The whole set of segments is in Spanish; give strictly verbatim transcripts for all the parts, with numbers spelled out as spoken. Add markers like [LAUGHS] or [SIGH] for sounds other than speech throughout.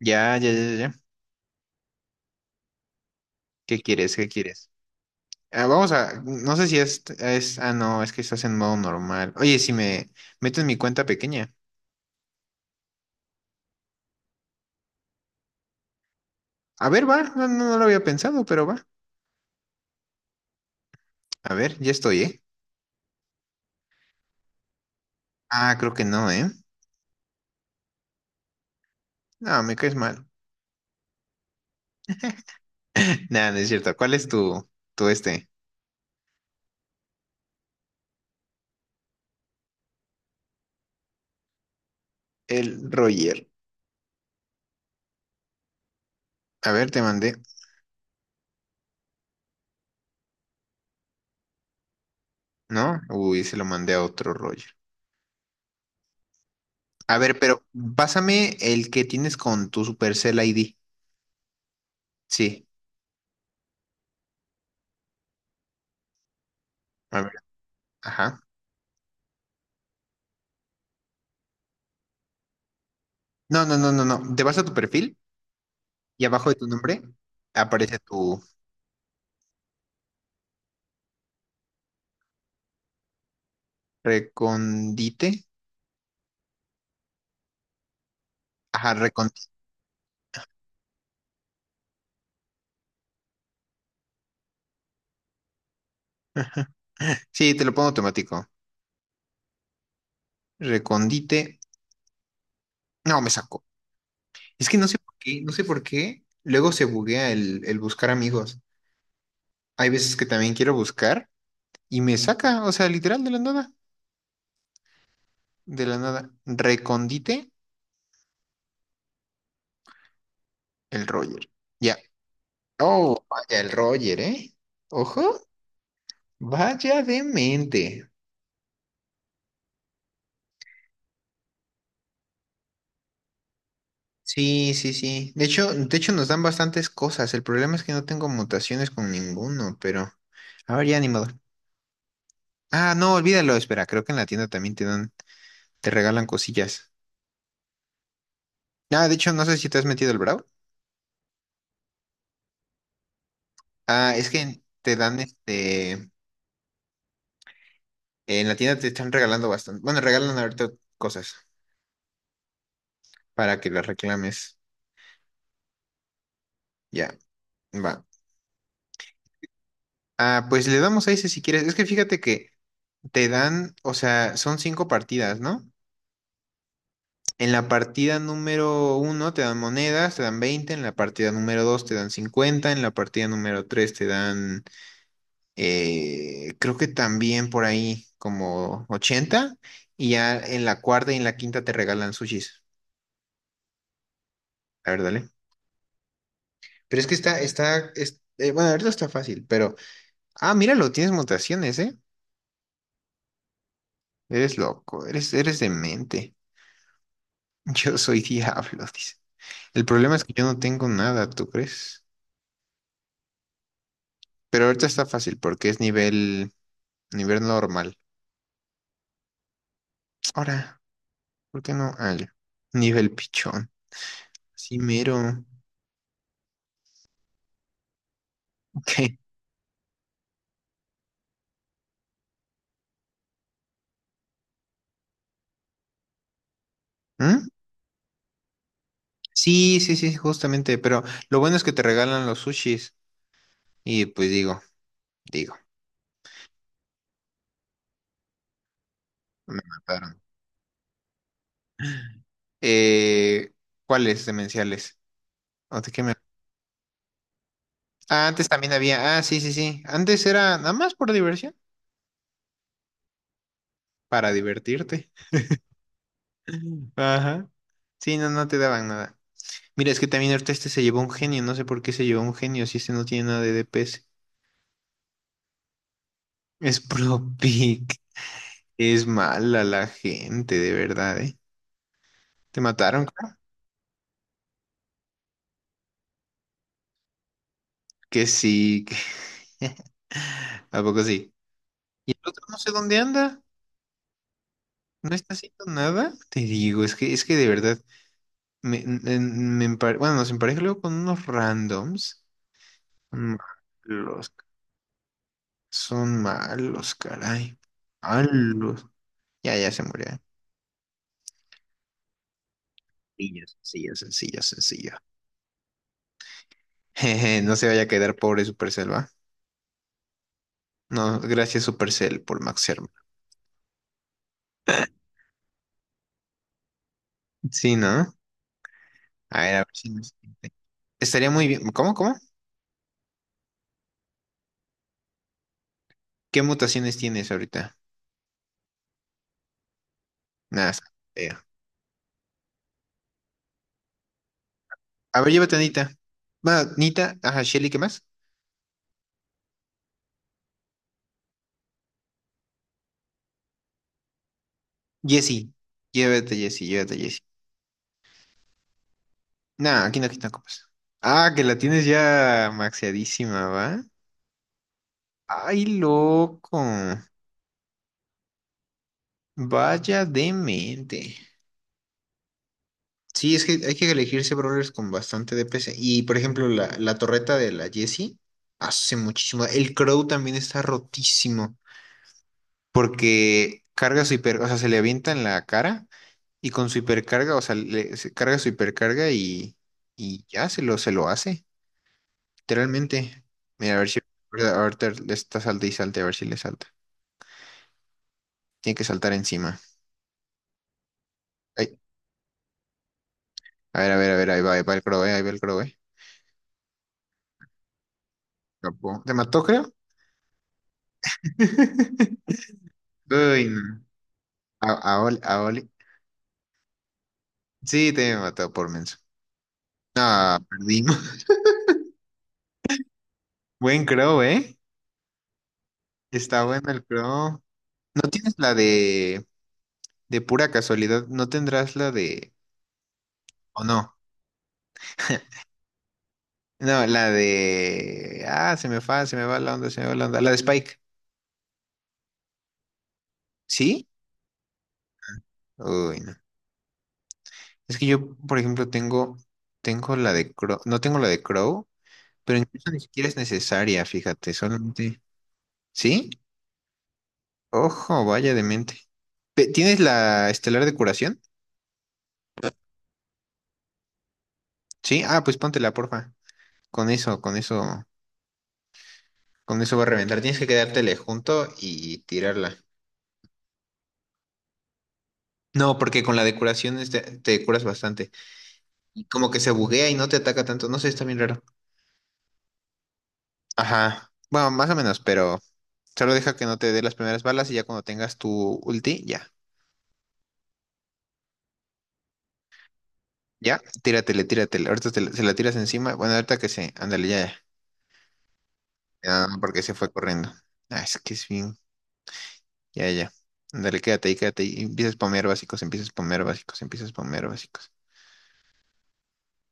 Ya, ya, ya, ya, ya. ¿Qué quieres? ¿Qué quieres? Ah, vamos a, no sé si es, es, ah, no, es que estás en modo normal. Oye, si me meto en mi cuenta pequeña. A ver, va, no, no, no lo había pensado, pero va. A ver, ya estoy, ¿eh? Ah, creo que no, ¿eh? No, me caes mal. [LAUGHS] Nada, no es cierto. ¿Cuál es tu, tu este? El Roger. A ver, te mandé, ¿no? Uy, se lo mandé a otro Roger. A ver, pero pásame el que tienes con tu Supercell I D. Sí. A ver, ajá. No, no, no, no, no. ¿Te vas a tu perfil? Y abajo de tu nombre aparece tu recondite. Ajá, recondite. Sí, te lo pongo automático. Recondite. No, me sacó. Es que no sé por qué, no sé por qué. Luego se buguea el, el buscar amigos. Hay veces que también quiero buscar y me saca, o sea, literal de la nada. De la nada. Recondite el Roger. Ya. Oh, vaya el Roger, ¿eh? Ojo, vaya demente. Sí, sí, sí. De hecho, de hecho nos dan bastantes cosas. El problema es que no tengo mutaciones con ninguno, pero a ver, ya ni modo. Ah, no, olvídalo, espera, creo que en la tienda también te dan, te regalan cosillas. Ah, de hecho, no sé si te has metido el Brawl. Ah, es que te dan este, en la tienda te están regalando bastante. Bueno, regalan ahorita cosas para que las reclames. Ya, va. Ah, pues le damos a ese si quieres. Es que fíjate que te dan, o sea, son cinco partidas, ¿no? En la partida número uno te dan monedas, te dan veinte. En la partida número dos te dan cincuenta. En la partida número tres te dan, eh, creo que también por ahí como ochenta. Y ya en la cuarta y en la quinta te regalan sushis. A ver, dale. Pero es que está, está, es- eh, bueno, ahorita está fácil, pero, ah, míralo, tienes mutaciones, ¿eh? Eres loco, eres, eres demente. [LAUGHS] Yo soy diablo, dice. El problema es que yo no tengo nada, ¿tú crees? Pero ahorita está fácil porque es nivel. Nivel normal. Ahora, ¿por qué no? Ah, ya. Nivel pichón. Sí, mero. Ok. ¿Mm? Sí, sí, sí, justamente. Pero lo bueno es que te regalan los sushis. Y pues digo, digo, me mataron. Eh, ¿Cuáles demenciales? ¿O de qué me? Ah, antes también había. Ah, sí, sí, sí. Antes era nada más por diversión. Para divertirte. [LAUGHS] Ajá. Sí, no, no te daban nada. Mira, es que también ahorita este se llevó un genio. No sé por qué se llevó un genio si este no tiene nada de D P S. Es puro pic. Es mala la gente, de verdad, ¿eh? ¿Te mataron, creo? Que sí. Que. [LAUGHS] ¿A poco sí? Y el otro no sé dónde anda. No está haciendo nada. Te digo, es que, es que de verdad, me, me- me empare- bueno, nos empareja luego con unos randoms. Son malos, son malos, caray. Malos. Ya, ya se murió, ¿eh? Sencillo, sencillo, sencillo, sencillo. [LAUGHS] Jeje, no se vaya a quedar pobre Supercell, ¿va? No, gracias Supercell por Max. Sí, ¿no? A ver, a ver si nos... Estaría muy bien. ¿Cómo, cómo? ¿Qué mutaciones tienes ahorita? Nada, está feo. A ver, llévate a Nita. Va, Nita, ajá, Shelly, ¿qué más? Jessie. Llévate, a Jessie, llévate, a Jessie. Nah, aquí no, aquí no copas. Ah, que la tienes ya maxeadísima, ¿va? Ay, loco. Vaya demente. Sí, es que hay que elegirse brawlers con bastante D P S. Y, por ejemplo, la, la torreta de la Jessie hace muchísimo. El Crow también está rotísimo. Porque carga su hiper, o sea, se le avienta en la cara, y con su hipercarga, o sea, le, se carga su hipercarga y, y ya se lo, se lo hace, literalmente. Mira, a ver si ahorita le está salte y salte, a ver si le salta. Tiene que saltar encima. Ay, a ver, a ver, a ver, ahí va, ahí va el crow, eh, ahí va el crow, eh. Escapó. ¿Te mató, creo? [LAUGHS] Uy, no. A, a Oli, a Oli. Sí, te mató por menso. Ah, perdimos. [LAUGHS] Buen crow, ¿eh? Está bueno el crow. ¿No tienes la de...? De pura casualidad, ¿no tendrás la de, o no? No, la de... Ah, se me va, se me va la onda, se me va la onda. La de Spike. ¿Sí? Uy, no. Es que yo, por ejemplo, tengo. Tengo la de Crow. No tengo la de Crow, pero incluso ni siquiera es necesaria, fíjate, solamente. ¿Sí? Ojo, vaya de mente. ¿Tienes la estelar de curación? Sí. Ah, pues póntela, porfa. Con eso, con eso, con eso va a reventar. Tienes que quedártele junto y tirarla. No, porque con la de curación es te curas bastante. Y como que se buguea y no te ataca tanto. No sé, está bien raro. Ajá. Bueno, más o menos, pero solo deja que no te dé las primeras balas y ya cuando tengas tu ulti, ya. Ya, tíratele, tíratele. Ahorita te la- se la tiras encima. Bueno, ahorita que se. Ándale, ya, ya. Ya, no, porque se fue corriendo. Ah, es que es bien. Ya, ya. Ándale, quédate ahí, quédate ahí. Empiezas a spamear básicos, empiezas a spamear básicos, empiezas a spamear básicos.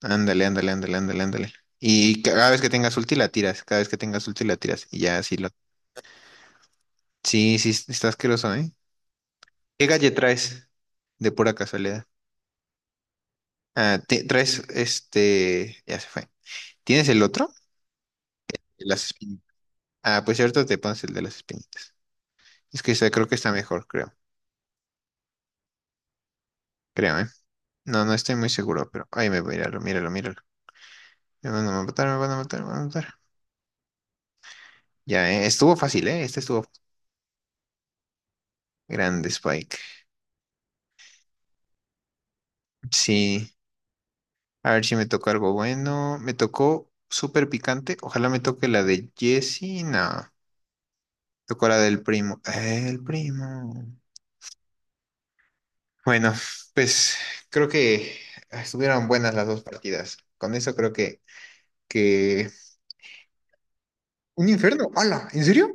Ándale, ándale, ándale, ándale, ándale. Y cada vez que tengas ulti la tiras, cada vez que tengas ulti la tiras. Y ya así lo. Sí, sí, sí está asqueroso, ¿eh? ¿Qué calle traes? De pura casualidad. Ah, ti- traes este. Ya se fue. ¿Tienes el otro? El de las espinitas. Ah, pues cierto, te pones el de las espinitas. Es que ese creo que está mejor, creo. Creo, ¿eh? No, no estoy muy seguro, pero, ahí me voy a míralo, míralo, míralo. Me van a matar, me van a matar, me van a matar. Ya, ¿eh? Estuvo fácil, ¿eh? Este estuvo grande, Spike. Sí. A ver si me tocó algo bueno. Me tocó súper picante. Ojalá me toque la de Jesse. No. Tocó la del primo. Eh, El primo. Bueno, pues creo que estuvieron buenas las dos partidas. Con eso creo que, que... ¿Un infierno? ¡Hala! ¿En serio?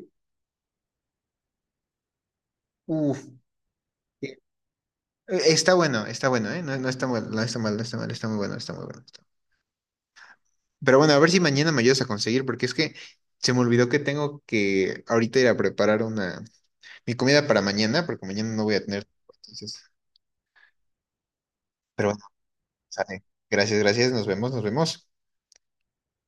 Uf. Eh, Está bueno, está bueno, ¿eh? No, no está mal, no está mal, no está mal, está muy bueno, está muy bueno. Está. Pero bueno, a ver si mañana me ayudas a conseguir, porque es que se me olvidó que tengo que ahorita ir a preparar una... mi comida para mañana, porque mañana no voy a tener... Entonces, pero bueno, sale. Gracias, gracias, nos vemos, nos vemos.